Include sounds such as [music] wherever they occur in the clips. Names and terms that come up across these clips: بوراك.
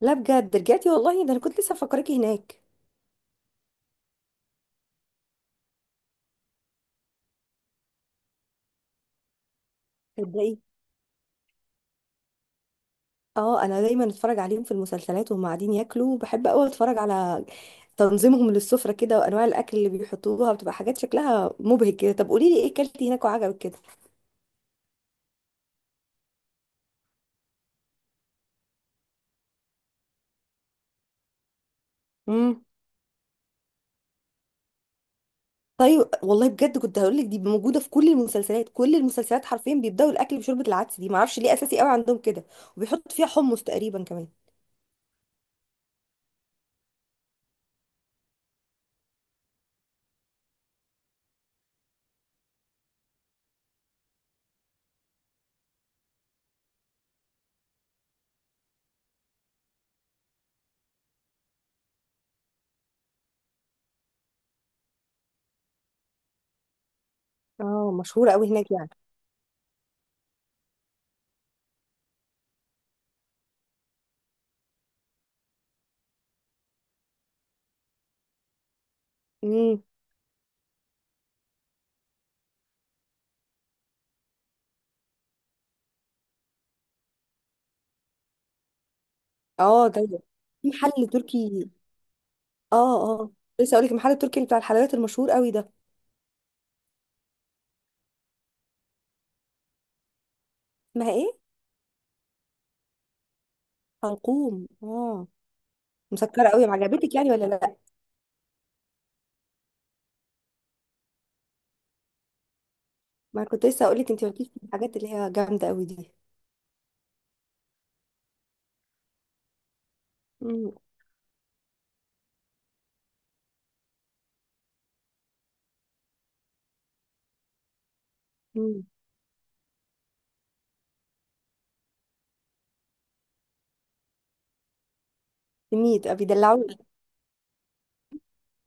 لا، بجد رجعتي والله؟ ده انا كنت لسه مفكراكي هناك. تصدقي، اه انا دايما اتفرج عليهم في المسلسلات وهم قاعدين ياكلوا. بحب قوي اتفرج على تنظيمهم للسفرة كده وانواع الاكل اللي بيحطوها، بتبقى حاجات شكلها مبهج كده. طب قولي لي ايه اكلتي هناك وعجبك كده؟ امم. طيب والله بجد كنت هقول لك دي موجودة في كل المسلسلات، كل المسلسلات حرفيا بيبدأوا الاكل بشوربة العدس دي، معرفش ليه اساسي قوي عندهم كده، وبيحط فيها حمص تقريبا كمان. اه مشهورة قوي هناك يعني. امم. اه طيب. في محل تركي؟ اه اه. لسه اقول لك المحل التركي اللي بتاع الحلويات المشهور قوي ده. اسمها ايه؟ حلقوم، اه. مسكره قوي، ما عجبتك يعني ولا لا؟ ما كنت لسه اقول لك انت مالكيش في الحاجات اللي هي جامده قوي دي. امم. امم. ميت بيدلعوني.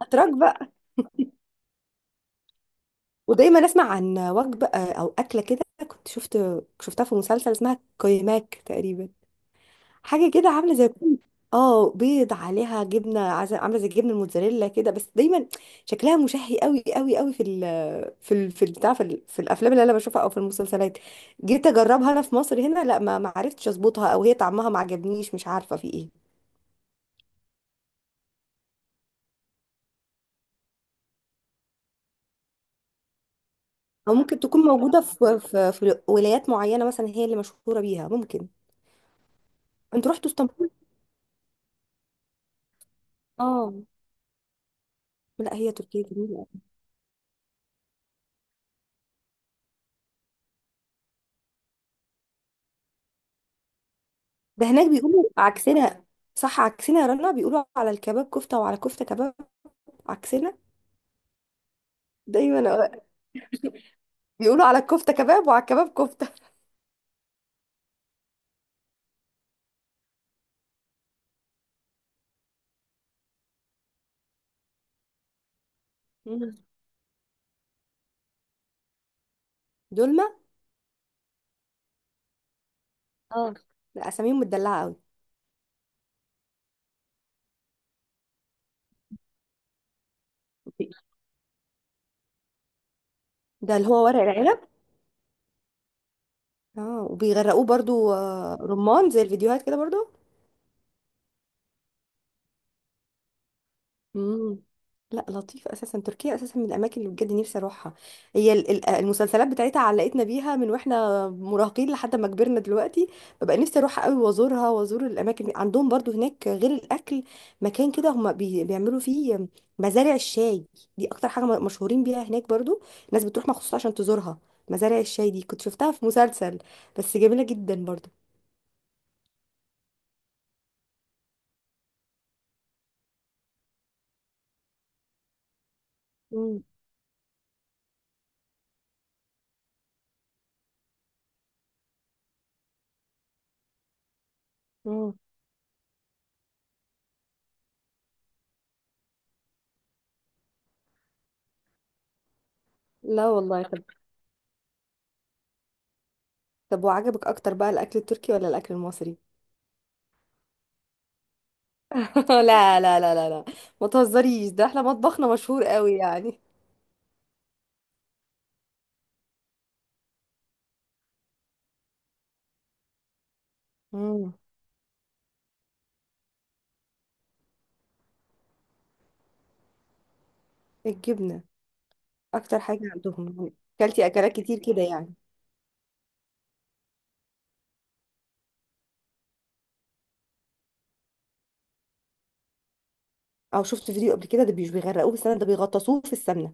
اتراك بقى. ودايما اسمع عن وجبه او اكله كده، كنت شفت، شفتها في مسلسل اسمها كويماك تقريبا. حاجه كده عامله زي كل، اه بيض عليها جبنه عامله زي الجبنه الموتزاريلا كده، بس دايما شكلها مشهي قوي قوي قوي في في الافلام اللي انا بشوفها او في المسلسلات. جيت اجربها انا في مصر هنا، لا ما عرفتش اظبطها، او هي طعمها ما عجبنيش، مش عارفه في ايه. او ممكن تكون موجوده في في ولايات معينه مثلا هي اللي مشهوره بيها، ممكن. انتوا رحتوا اسطنبول؟ اه. لا هي تركيا جميله. ده هناك بيقولوا عكسنا، صح عكسنا يا رنا، بيقولوا على الكباب كفته وعلى كفته كباب. عكسنا. دايما بيقولوا على الكفته كباب وعلى الكباب كفته. مم. دولمه، اه. لا اساميهم متدلعه قوي. ده اللي هو ورق العنب، اه، وبيغرقوه برضو رمان زي الفيديوهات كده برضو. مم. لا لطيف. اساسا تركيا اساسا من الاماكن اللي بجد نفسي اروحها. هي المسلسلات بتاعتها علقتنا بيها من واحنا مراهقين لحد ما كبرنا دلوقتي. ببقى نفسي اروحها قوي وازورها وازور الاماكن دي. عندهم برضو هناك غير الاكل مكان كده هم بيعملوا فيه مزارع الشاي، دي اكتر حاجه مشهورين بيها هناك برضو. الناس بتروح مخصوص عشان تزورها. مزارع الشاي دي كنت شفتها في مسلسل، بس جميله جدا برضو. مم. مم. لا والله. طب. طب وعجبك اكتر بقى الاكل التركي ولا الاكل المصري؟ [laughs] لا لا لا لا لا، ما تهزريش، ده احنا مطبخنا مشهور قوي يعني. امم. الجبنة. اكتر حاجة عندهم يعني. اكلتي اكلات كتير كده يعني. او شفت فيديو قبل كده، ده مش بيغرقوه بالسمنة، ده بيغطسوه في السمنة.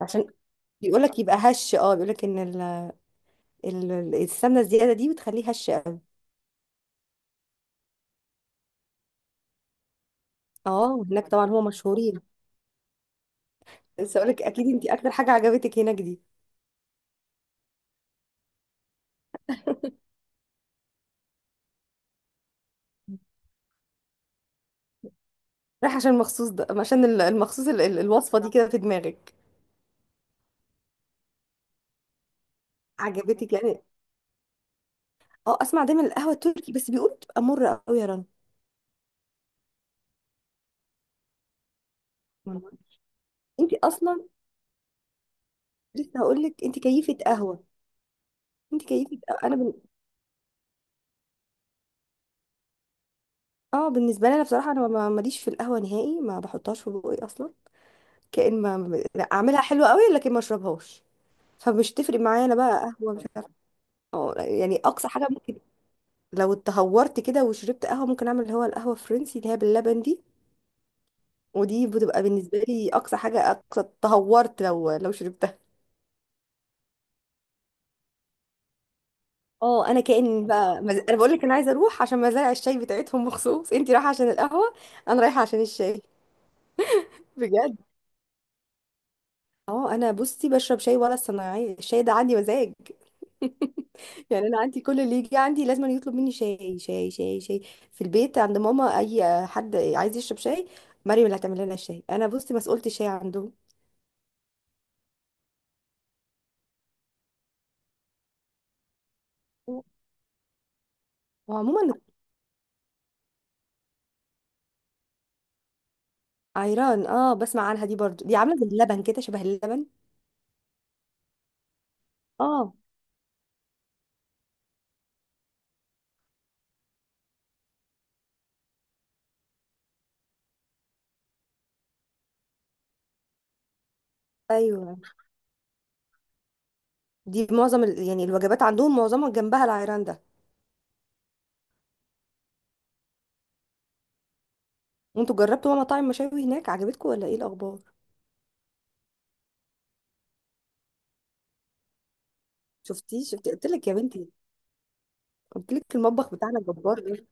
عشان بيقول لك يبقى هش، اه بيقول لك ان السمنة الزيادة دي بتخليه هش قوي. اه هناك طبعا هو مشهورين. لسه اقول لك اكيد انت اكتر حاجة عجبتك هناك دي. رايح عشان المخصوص ده عشان المخصوص الوصفة دي كده في دماغك. عجبتك يعني. اه اسمع دايما القهوة التركي بس بيقولوا بتبقى مرة قوي يا رنا. والله. انت اصلا، لسه هقول لك انت كيفه قهوه. انت كيفه قهوة. انا بن... اه بالنسبه لي انا بصراحه انا ماليش في القهوه نهائي، ما بحطهاش في بوقي اصلا. كأن لا، اعملها حلوه قوي لكن ما اشربهاش، فمش تفرق معايا انا بقى قهوه مش عارفه. اه يعني اقصى حاجه ممكن، لو اتهورت كده وشربت قهوه ممكن اعمل اللي هو القهوه الفرنسي اللي هي باللبن دي، ودي بتبقى بالنسبه لي اقصى حاجه اقصى تهورت لو شربتها. اه انا انا بقول لك انا عايزه اروح عشان مزارع الشاي بتاعتهم مخصوص، انت رايحه عشان القهوه انا رايحه عشان الشاي. بجد. اه انا بصي بشرب شاي ولا الصناعيه الشاي ده عندي مزاج. [laughs] يعني انا عندي كل اللي يجي عندي لازم يطلب مني شاي شاي شاي شاي. في البيت عند ماما اي حد عايز يشرب شاي مريم اللي هتعمل لنا الشاي، انا بصي مسؤولة الشاي عندهم. وعموما. عيران، اه بسمع عنها دي برضو، دي عامله زي اللبن كده شبه اللبن. اه. ايوه. دي معظم ال... يعني الوجبات عندهم معظمها جنبها العيران ده. وانتوا جربتوا بقى مطاعم مشاوي هناك عجبتكم ولا ايه الاخبار؟ شفتي شفتي قلت لك يا بنتي، قلت لك المطبخ بتاعنا جبار ده.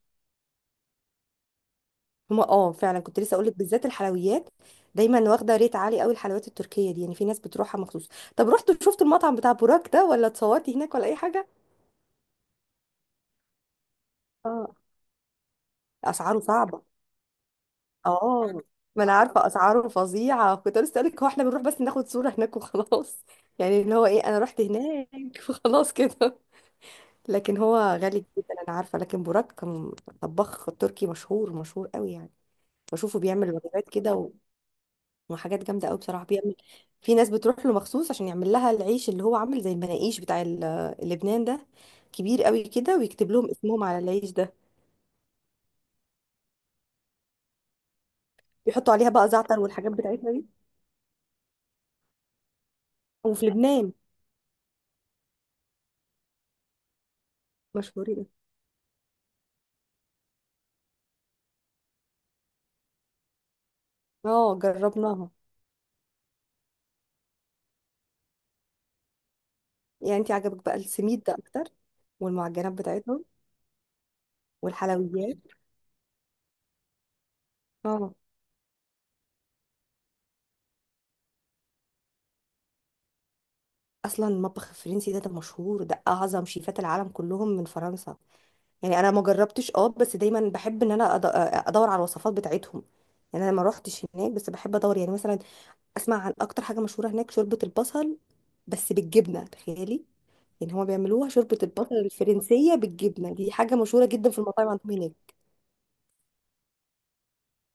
هما اه فعلا، كنت لسه اقول لك بالذات الحلويات، دايما واخده ريت عالي قوي الحلويات التركيه دي، يعني في ناس بتروحها مخصوص. طب رحتوا شفتوا المطعم بتاع بوراك ده، ولا اتصورتي هناك ولا اي حاجه؟ اه. اسعاره صعبه. اه ما انا عارفه اسعاره فظيعه، كنت لسه اقول لك هو احنا بنروح بس ناخد صوره هناك وخلاص. [laughs] يعني اللي هو ايه، انا رحت هناك. [laughs] وخلاص كده. لكن هو غالي جدا انا عارفه. لكن بوراك كان طباخ تركي مشهور مشهور قوي يعني. بشوفه بيعمل وجبات كده وحاجات جامده قوي بصراحه بيعمل. في ناس بتروح له مخصوص عشان يعمل لها العيش اللي هو عامل زي المناقيش بتاع لبنان ده، كبير قوي كده ويكتب لهم اسمهم على العيش ده. بيحطوا عليها بقى زعتر والحاجات بتاعتنا دي. وفي لبنان مشهورين. اه جربناها. يعني انت عجبك بقى السميد ده اكتر والمعجنات بتاعتهم والحلويات. اه. اصلا المطبخ الفرنسي ده ده مشهور، ده اعظم شيفات العالم كلهم من فرنسا، يعني انا ما جربتش اه بس دايما بحب ان انا ادور على الوصفات بتاعتهم. يعني انا ما روحتش هناك بس بحب ادور. يعني مثلا اسمع عن اكتر حاجه مشهوره هناك شوربه البصل، بس بالجبنه تخيلي، يعني هما بيعملوها شوربه البصل الفرنسيه بالجبنه، دي حاجه مشهوره جدا في المطاعم عندهم هناك.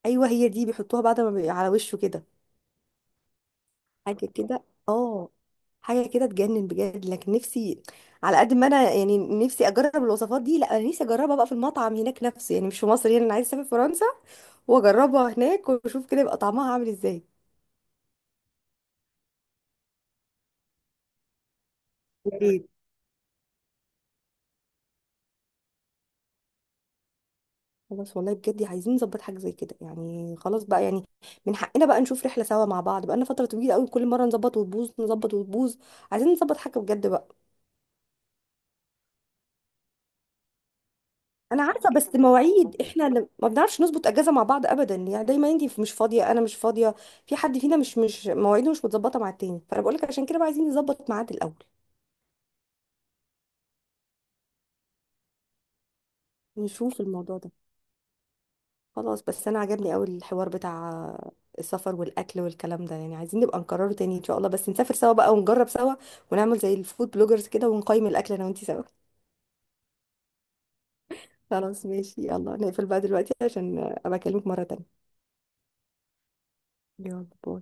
ايوه هي دي بيحطوها بعد ما على وشه كده. حاجة كده، اه حاجة كده تجنن بجد. لكن نفسي، على قد ما انا يعني نفسي اجرب الوصفات دي، لا انا نفسي اجربها بقى في المطعم هناك نفسه يعني مش في مصر، يعني انا عايزة اسافر فرنسا واجربها هناك واشوف كده يبقى طعمها عامل ازاي. يا ريت. خلاص والله بجد عايزين نظبط حاجة زي كده، يعني خلاص بقى يعني من حقنا بقى نشوف رحلة سوا مع بعض، بقى لنا فترة طويلة قوي كل مرة نظبط وتبوظ نظبط وتبوظ. عايزين نظبط حاجة بجد بقى. انا عارفه بس مواعيد احنا ما بنعرفش نظبط اجازه مع بعض ابدا، يعني دايما انت مش فاضيه انا مش فاضيه، في حد فينا مش مواعيده مش متظبطه مع التاني، فانا بقول لك عشان كده بقى عايزين نظبط ميعاد الاول. نشوف الموضوع ده. خلاص، بس انا عجبني قوي الحوار بتاع السفر والاكل والكلام ده، يعني عايزين نبقى نكرره تاني ان شاء الله، بس نسافر سوا بقى ونجرب سوا ونعمل زي الفود بلوجرز كده ونقيم الاكل انا وانت سوا. خلاص ماشي، يلا نقفل بقى دلوقتي عشان ابقى اكلمك مره تانيه. يلا باي.